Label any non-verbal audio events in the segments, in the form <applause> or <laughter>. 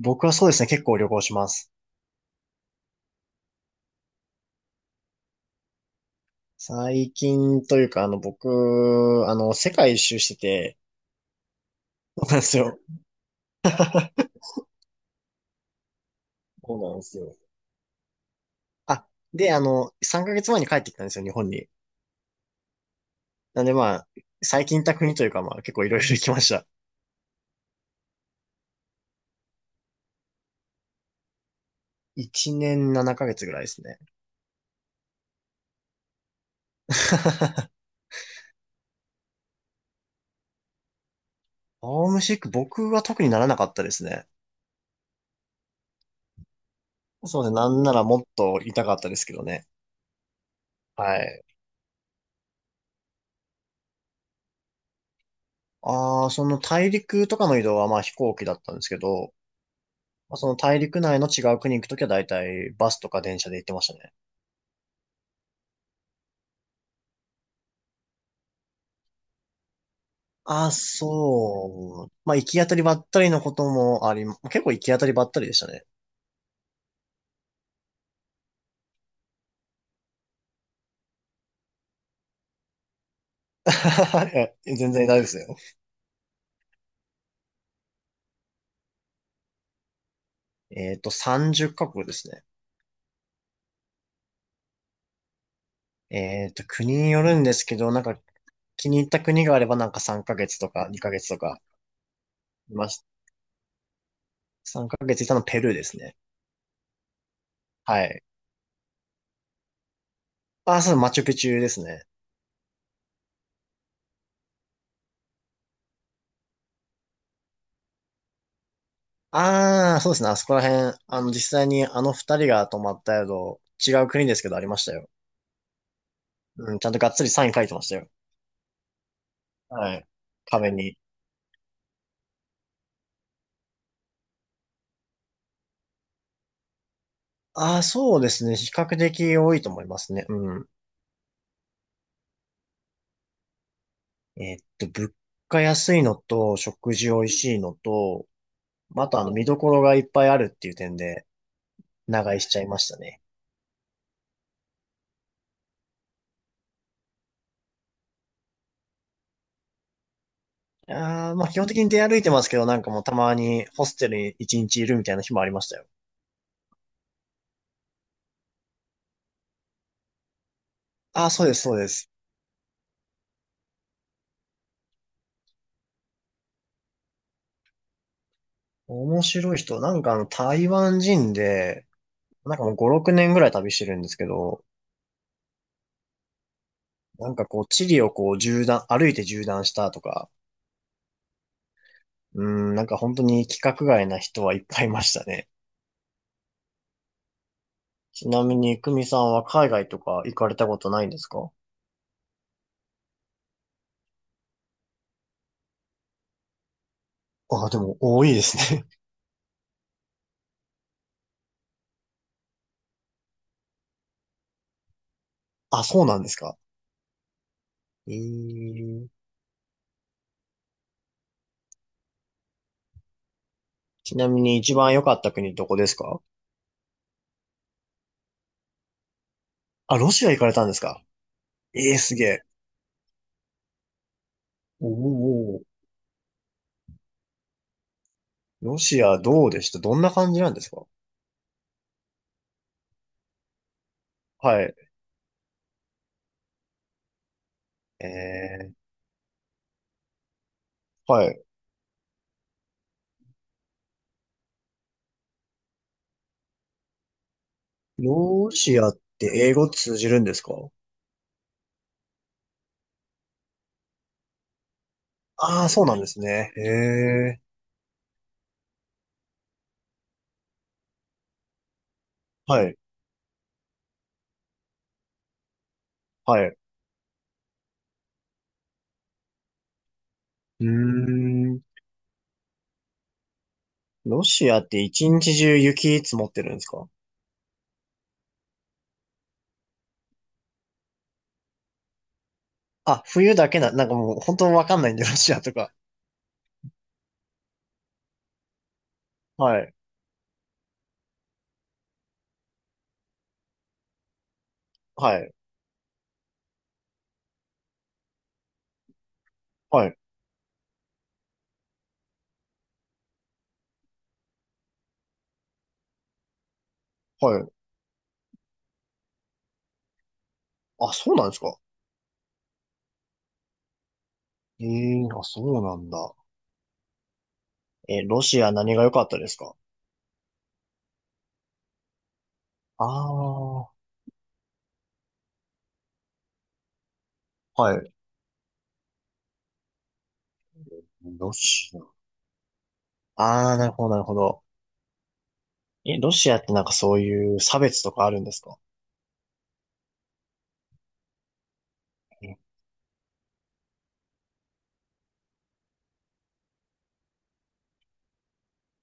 僕はそうですね、結構旅行します。最近というか、僕、世界一周してて、そうなんですよ。そうなんですよ。あ、で、3ヶ月前に帰ってきたんですよ、日本に。なんでまあ、最近行った国というか、まあ、結構いろいろ行きました。1年7ヶ月ぐらいですね。<laughs> ホームシック、僕は特にならなかったですね。そうですね、なんならもっと痛かったですけどね。はい。ああ、その大陸とかの移動はまあ飛行機だったんですけど、まあその大陸内の違う国行くときは大体バスとか電車で行ってましたね。まあ、行き当たりばったりのこともあり、結構行き当たりばったりでしたね。<laughs> いや全然大丈夫ですよ。30カ国ですね。国によるんですけど、なんか気に入った国があればなんか3ヶ月とか2ヶ月とかいました。3ヶ月いたのペルーですね。はい。あ、そう、マチュピチュですね。ああ、そうですね。あそこら辺、実際にあの二人が泊まった宿、違う国ですけどありましたよ。うん、ちゃんとがっつりサイン書いてましたよ。はい。壁に。ああ、そうですね。比較的多いと思いますね。うん。物価安いのと、食事美味しいのと、また見どころがいっぱいあるっていう点で、長居しちゃいましたね。ああ、まあ基本的に出歩いてますけど、なんかもうたまにホステルに一日いるみたいな日もありましたよ。ああ、そうです、そうです。面白い人、台湾人で、なんかもう5、6年ぐらい旅してるんですけど、なんかこう、地理をこう、縦断、歩いて縦断したとか、うーなんか本当に規格外な人はいっぱいいましたね。ちなみに、久美さんは海外とか行かれたことないんですか？ああ、でも多いですね。<laughs> あ、そうなんですか。えー、ちなみに一番良かった国どこですか？あ、ロシア行かれたんですか？ええー、すげえ。おお。ロシアどうでした？どんな感じなんですか？はい。えー、はい。ロシアって英語通じるんですか？ああー、そうなんですね。へえ。はい。はい。うーん。ロシアって一日中雪積もってるんですか？あ、冬だけな、なんかもう本当わかんないんで、ロシアとか。はい。はい。はい。はい。あ、そうなんですか？ええー、あ、そうなんだ。え、ロシア何が良かったですか？ああー、はい。ロシア。ああ、なるほど、なるほど。え、ロシアってなんかそういう差別とかあるんですか？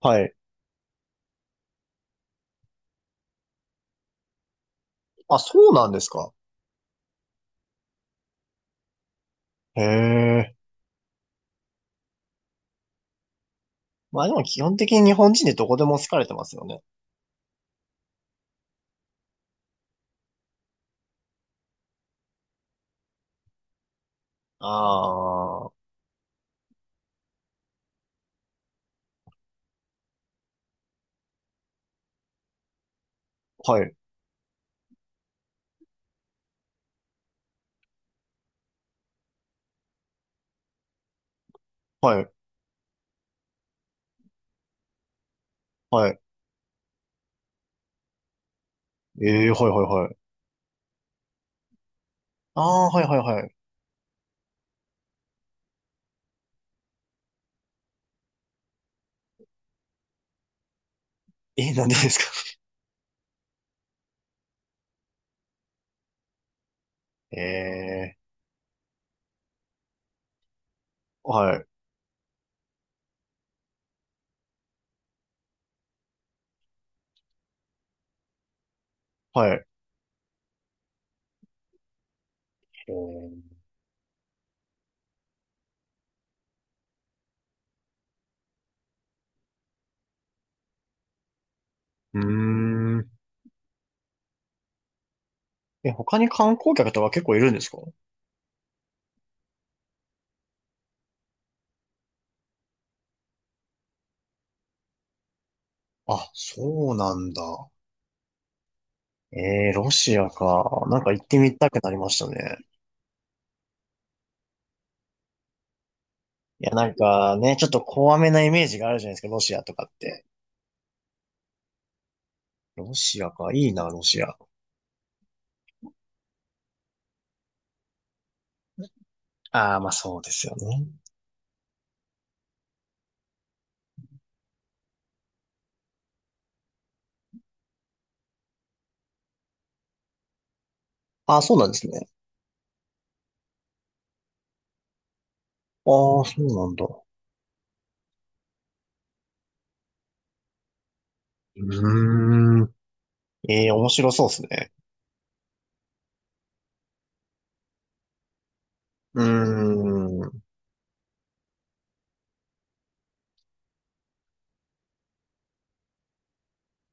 はい。あ、そうなんですか？へえ。まあでも基本的に日本人でどこでも好かれてますよね。ああー、はい、はい、はい。ええー、はい、はい、はい。ああ、はい、はい、はい。えー、なんでですか？ <laughs> ええー、はい、はい。えー、うーん。え、他に観光客とか結構いるんですか？あ、そうなんだ。ええー、ロシアか。なんか行ってみたくなりましたね。いや、なんかね、ちょっと怖めなイメージがあるじゃないですか、ロシアとかって。ロシアか、いいな、ロシア。ああ、まあそうですよね。ああ、そうなんですね。ああ、そうなんだ。うーん。ええ、面白そうですね。うーん。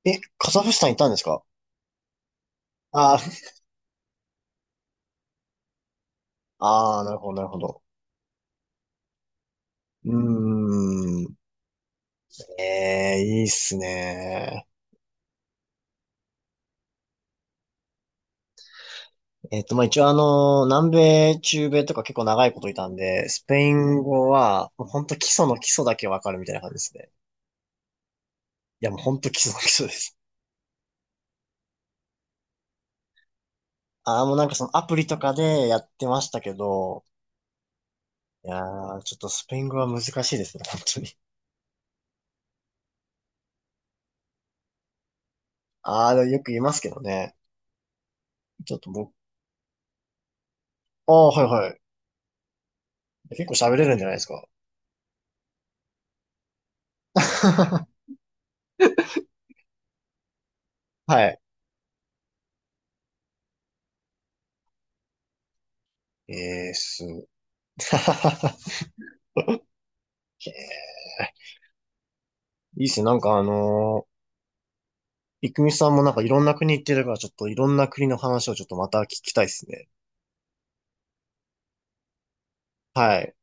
え、カザフスタン行ったんですか？あー <laughs> あー、なるほど、なるほど。うーん。ええ、いいっすね。まあ、一応南米、中米とか結構長いこといたんで、スペイン語は、もうほんと基礎の基礎だけわかるみたいな感じですね。いや、もうほんと基礎の基礎です。ああ、もうなんかそのアプリとかでやってましたけど、いやー、ちょっとスペイン語は難しいですね、本当に。ああ、よく言いますけどね。ちょっと僕、ああ、はいはい。結構喋れるんじゃないですか。<laughs> はい。えー、す。<laughs> へーいいっすね。いくみさんもなんかいろんな国行ってるから、ちょっといろんな国の話をちょっとまた聞きたいっすね。はい。